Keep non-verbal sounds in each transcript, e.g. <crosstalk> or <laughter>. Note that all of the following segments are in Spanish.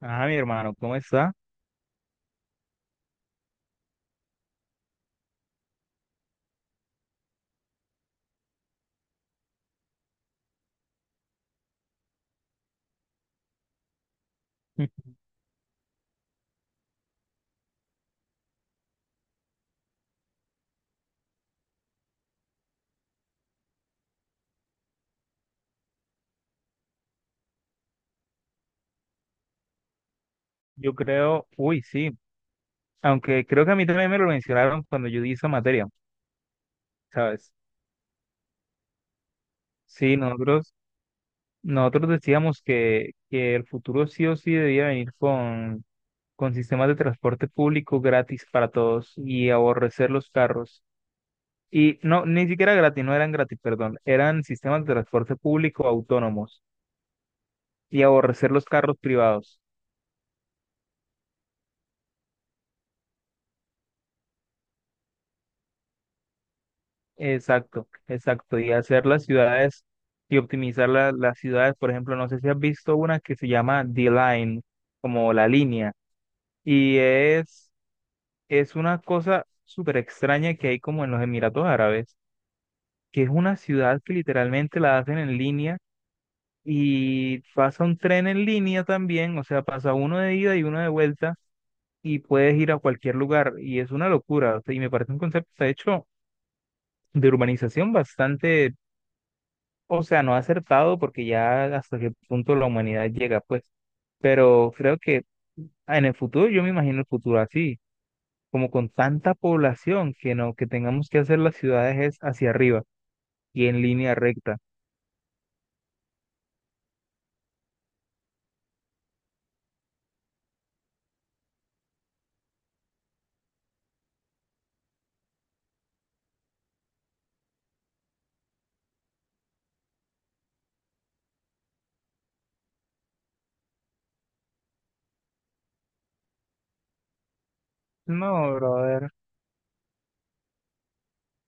Ah, mi hermano, ¿cómo está? <laughs> Yo creo, uy, sí, aunque creo que a mí también me lo mencionaron cuando yo di esa materia, ¿sabes? Sí, nosotros decíamos que el futuro sí o sí debía venir con sistemas de transporte público gratis para todos y aborrecer los carros. Y no, ni siquiera gratis, no eran gratis, perdón, eran sistemas de transporte público autónomos y aborrecer los carros privados. Exacto, exacto. Y hacer las ciudades y optimizar las ciudades. Por ejemplo, no sé si has visto una que se llama the line, como la línea. Y es una cosa súper extraña que hay como en los Emiratos Árabes, que es una ciudad que literalmente la hacen en línea y pasa un tren en línea también, o sea, pasa uno de ida y uno de vuelta y puedes ir a cualquier lugar. Y es una locura. O sea, y me parece un concepto, de hecho, de urbanización bastante, o sea, no acertado porque ya hasta qué punto la humanidad llega, pues, pero creo que en el futuro, yo me imagino el futuro así, como con tanta población que no, que tengamos que hacer las ciudades es hacia arriba y en línea recta. No, brother,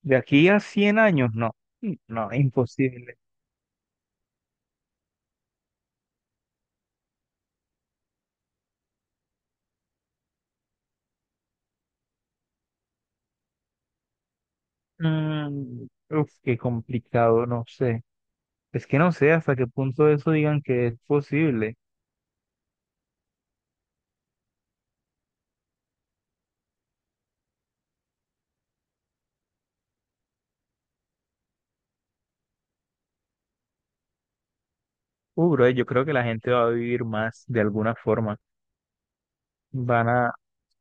de aquí a 100 años, no, no, imposible. Uf, qué complicado, no sé. Es que no sé hasta qué punto eso digan que es posible. Bro, yo creo que la gente va a vivir más de alguna forma. Van a,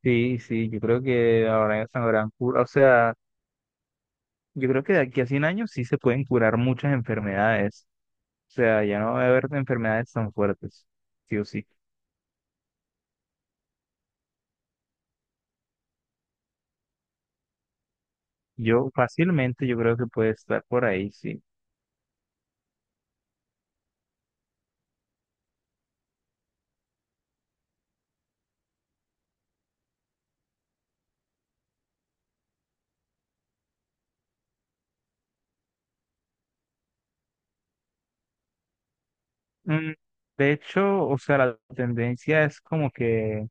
sí, sí, yo creo que ahora ya se sabrán curar, o sea, yo creo que de aquí a 100 años sí se pueden curar muchas enfermedades, o sea, ya no va a haber enfermedades tan fuertes, sí o sí. Yo fácilmente yo creo que puede estar por ahí, sí. Mm, De hecho, o sea, la tendencia es como que,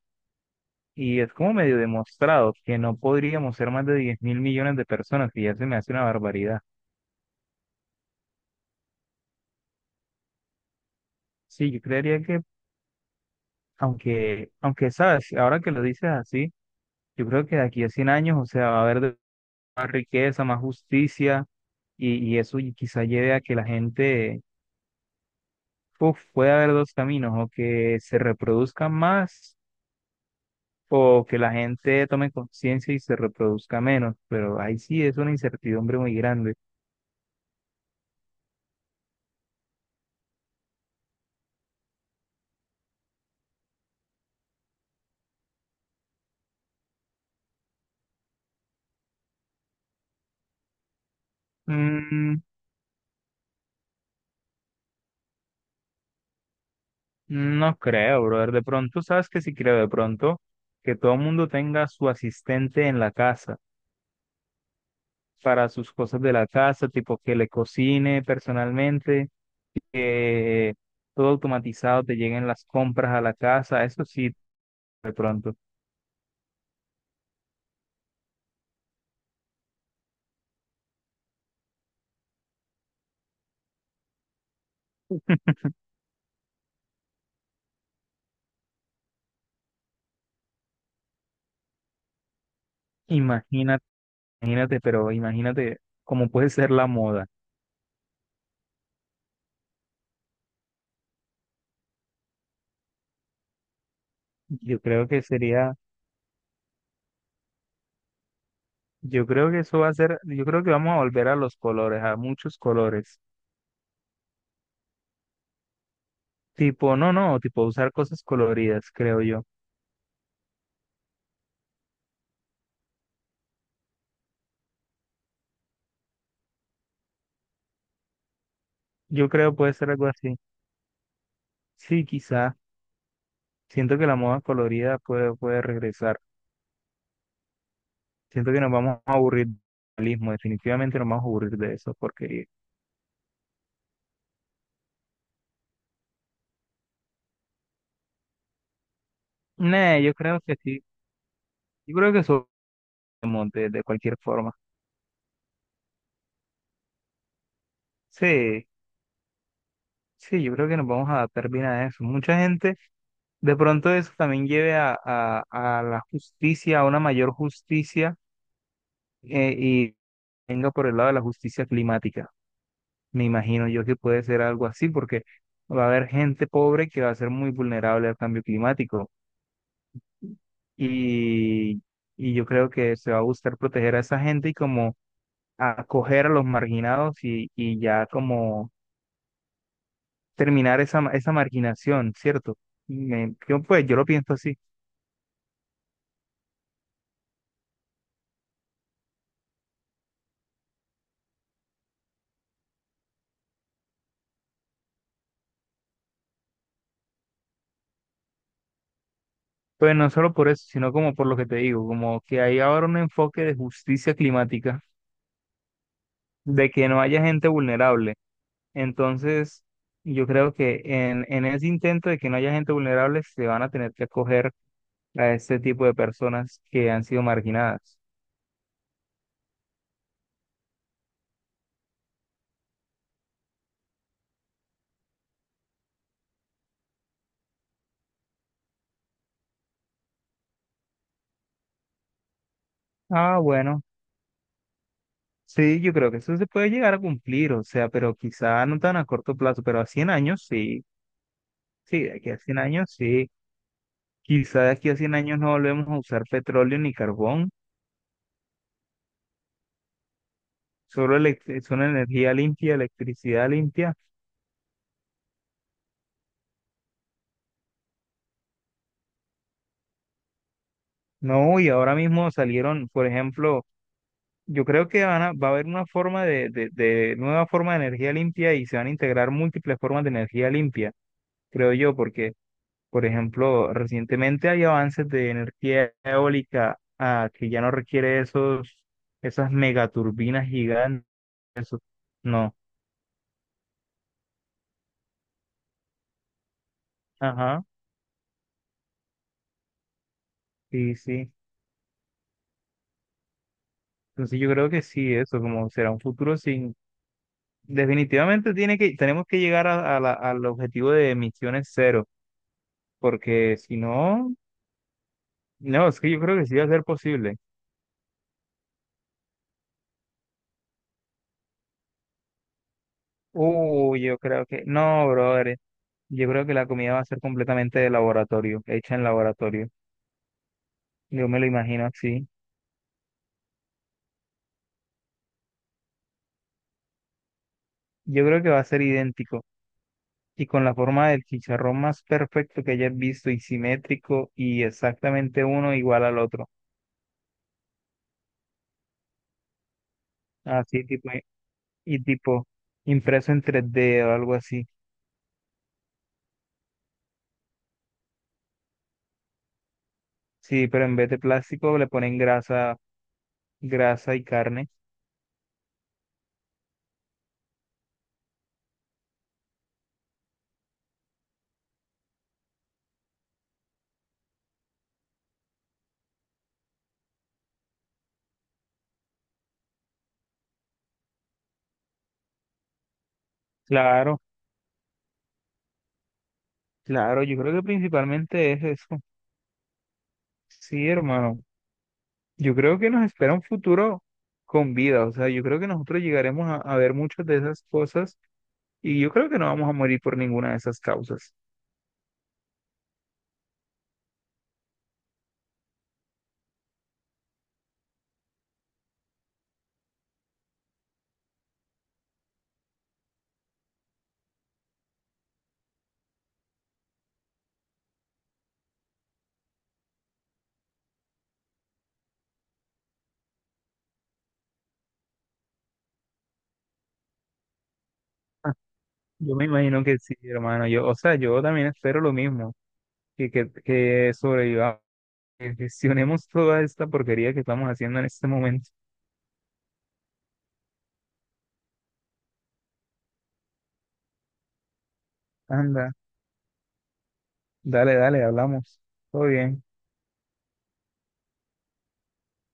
y es como medio demostrado, que no podríamos ser más de 10.000 millones de personas, que ya se me hace una barbaridad. Sí, yo creería que, aunque sabes, ahora que lo dices así, yo creo que de aquí a 100 años, o sea, va a haber más riqueza, más justicia, y eso, y quizá lleve a que la gente, uf, puede haber dos caminos, o que se reproduzcan más, o que la gente tome conciencia y se reproduzca menos, pero ahí sí es una incertidumbre muy grande. Mm, no creo, brother, de pronto, sabes que sí creo, de pronto, que todo el mundo tenga su asistente en la casa, para sus cosas de la casa, tipo que le cocine personalmente, que todo automatizado, te lleguen las compras a la casa, eso sí, de pronto. Imagínate, imagínate, pero imagínate cómo puede ser la moda. Yo creo que sería, yo creo que eso va a ser, yo creo que vamos a volver a los colores, a muchos colores. Tipo, no, no, tipo usar cosas coloridas, creo yo. Yo creo puede ser algo así. Sí, quizá. Siento que la moda colorida puede, puede regresar. Siento que nos vamos a aburrir del realismo, definitivamente nos vamos a aburrir de eso, porque, nah, yo creo que sí, yo creo que somos, de cualquier forma. Sí, sí, yo creo que nos vamos a adaptar bien a eso. Mucha gente, de pronto eso también lleve a, a la justicia, a una mayor justicia, y venga por el lado de la justicia climática. Me imagino yo que puede ser algo así, porque va a haber gente pobre que va a ser muy vulnerable al cambio climático y, y yo creo que se va a buscar proteger a esa gente y como acoger a los marginados, y ya como terminar esa marginación, ¿cierto? Yo, pues yo lo pienso así, pues no solo por eso, sino como por lo que te digo, como que hay ahora un enfoque de justicia climática, de que no haya gente vulnerable. Entonces, yo creo que en ese intento de que no haya gente vulnerable, se van a tener que acoger a este tipo de personas que han sido marginadas. Ah, bueno, sí, yo creo que eso se puede llegar a cumplir, o sea, pero quizá no tan a corto plazo, pero a 100 años sí, sí, de aquí a 100 años sí, quizá de aquí a 100 años no volvemos a usar petróleo ni carbón, solo es una energía limpia, electricidad limpia, no, y ahora mismo salieron, por ejemplo, yo creo que van a- va a haber una forma de nueva forma de energía limpia y se van a integrar múltiples formas de energía limpia, creo yo, porque, por ejemplo, recientemente hay avances de energía eólica, que ya no requiere esas megaturbinas gigantes. No. Ajá. Sí, sí. Entonces yo creo que sí, eso como será un futuro sin... Definitivamente tiene que, tenemos que llegar al objetivo de emisiones cero, porque si no, no, es que yo creo que sí va a ser posible. Uy, yo creo que, no, brother, yo creo que la comida va a ser completamente de laboratorio, hecha en laboratorio. Yo me lo imagino así. Yo creo que va a ser idéntico y con la forma del chicharrón más perfecto que hayas visto y simétrico y exactamente uno igual al otro. Así tipo, y tipo impreso en 3D o algo así. Sí, pero en vez de plástico le ponen grasa, grasa y carne. Claro, claro, yo creo que principalmente es eso. Sí, hermano. Yo creo que nos espera un futuro con vida, o sea, yo creo que nosotros llegaremos a ver muchas de esas cosas y yo creo que no vamos a morir por ninguna de esas causas. Yo me imagino que sí, hermano, yo, o sea, yo también espero lo mismo, que, que sobrevivamos, que gestionemos toda esta porquería que estamos haciendo en este momento. Anda, dale, dale, hablamos. Todo bien.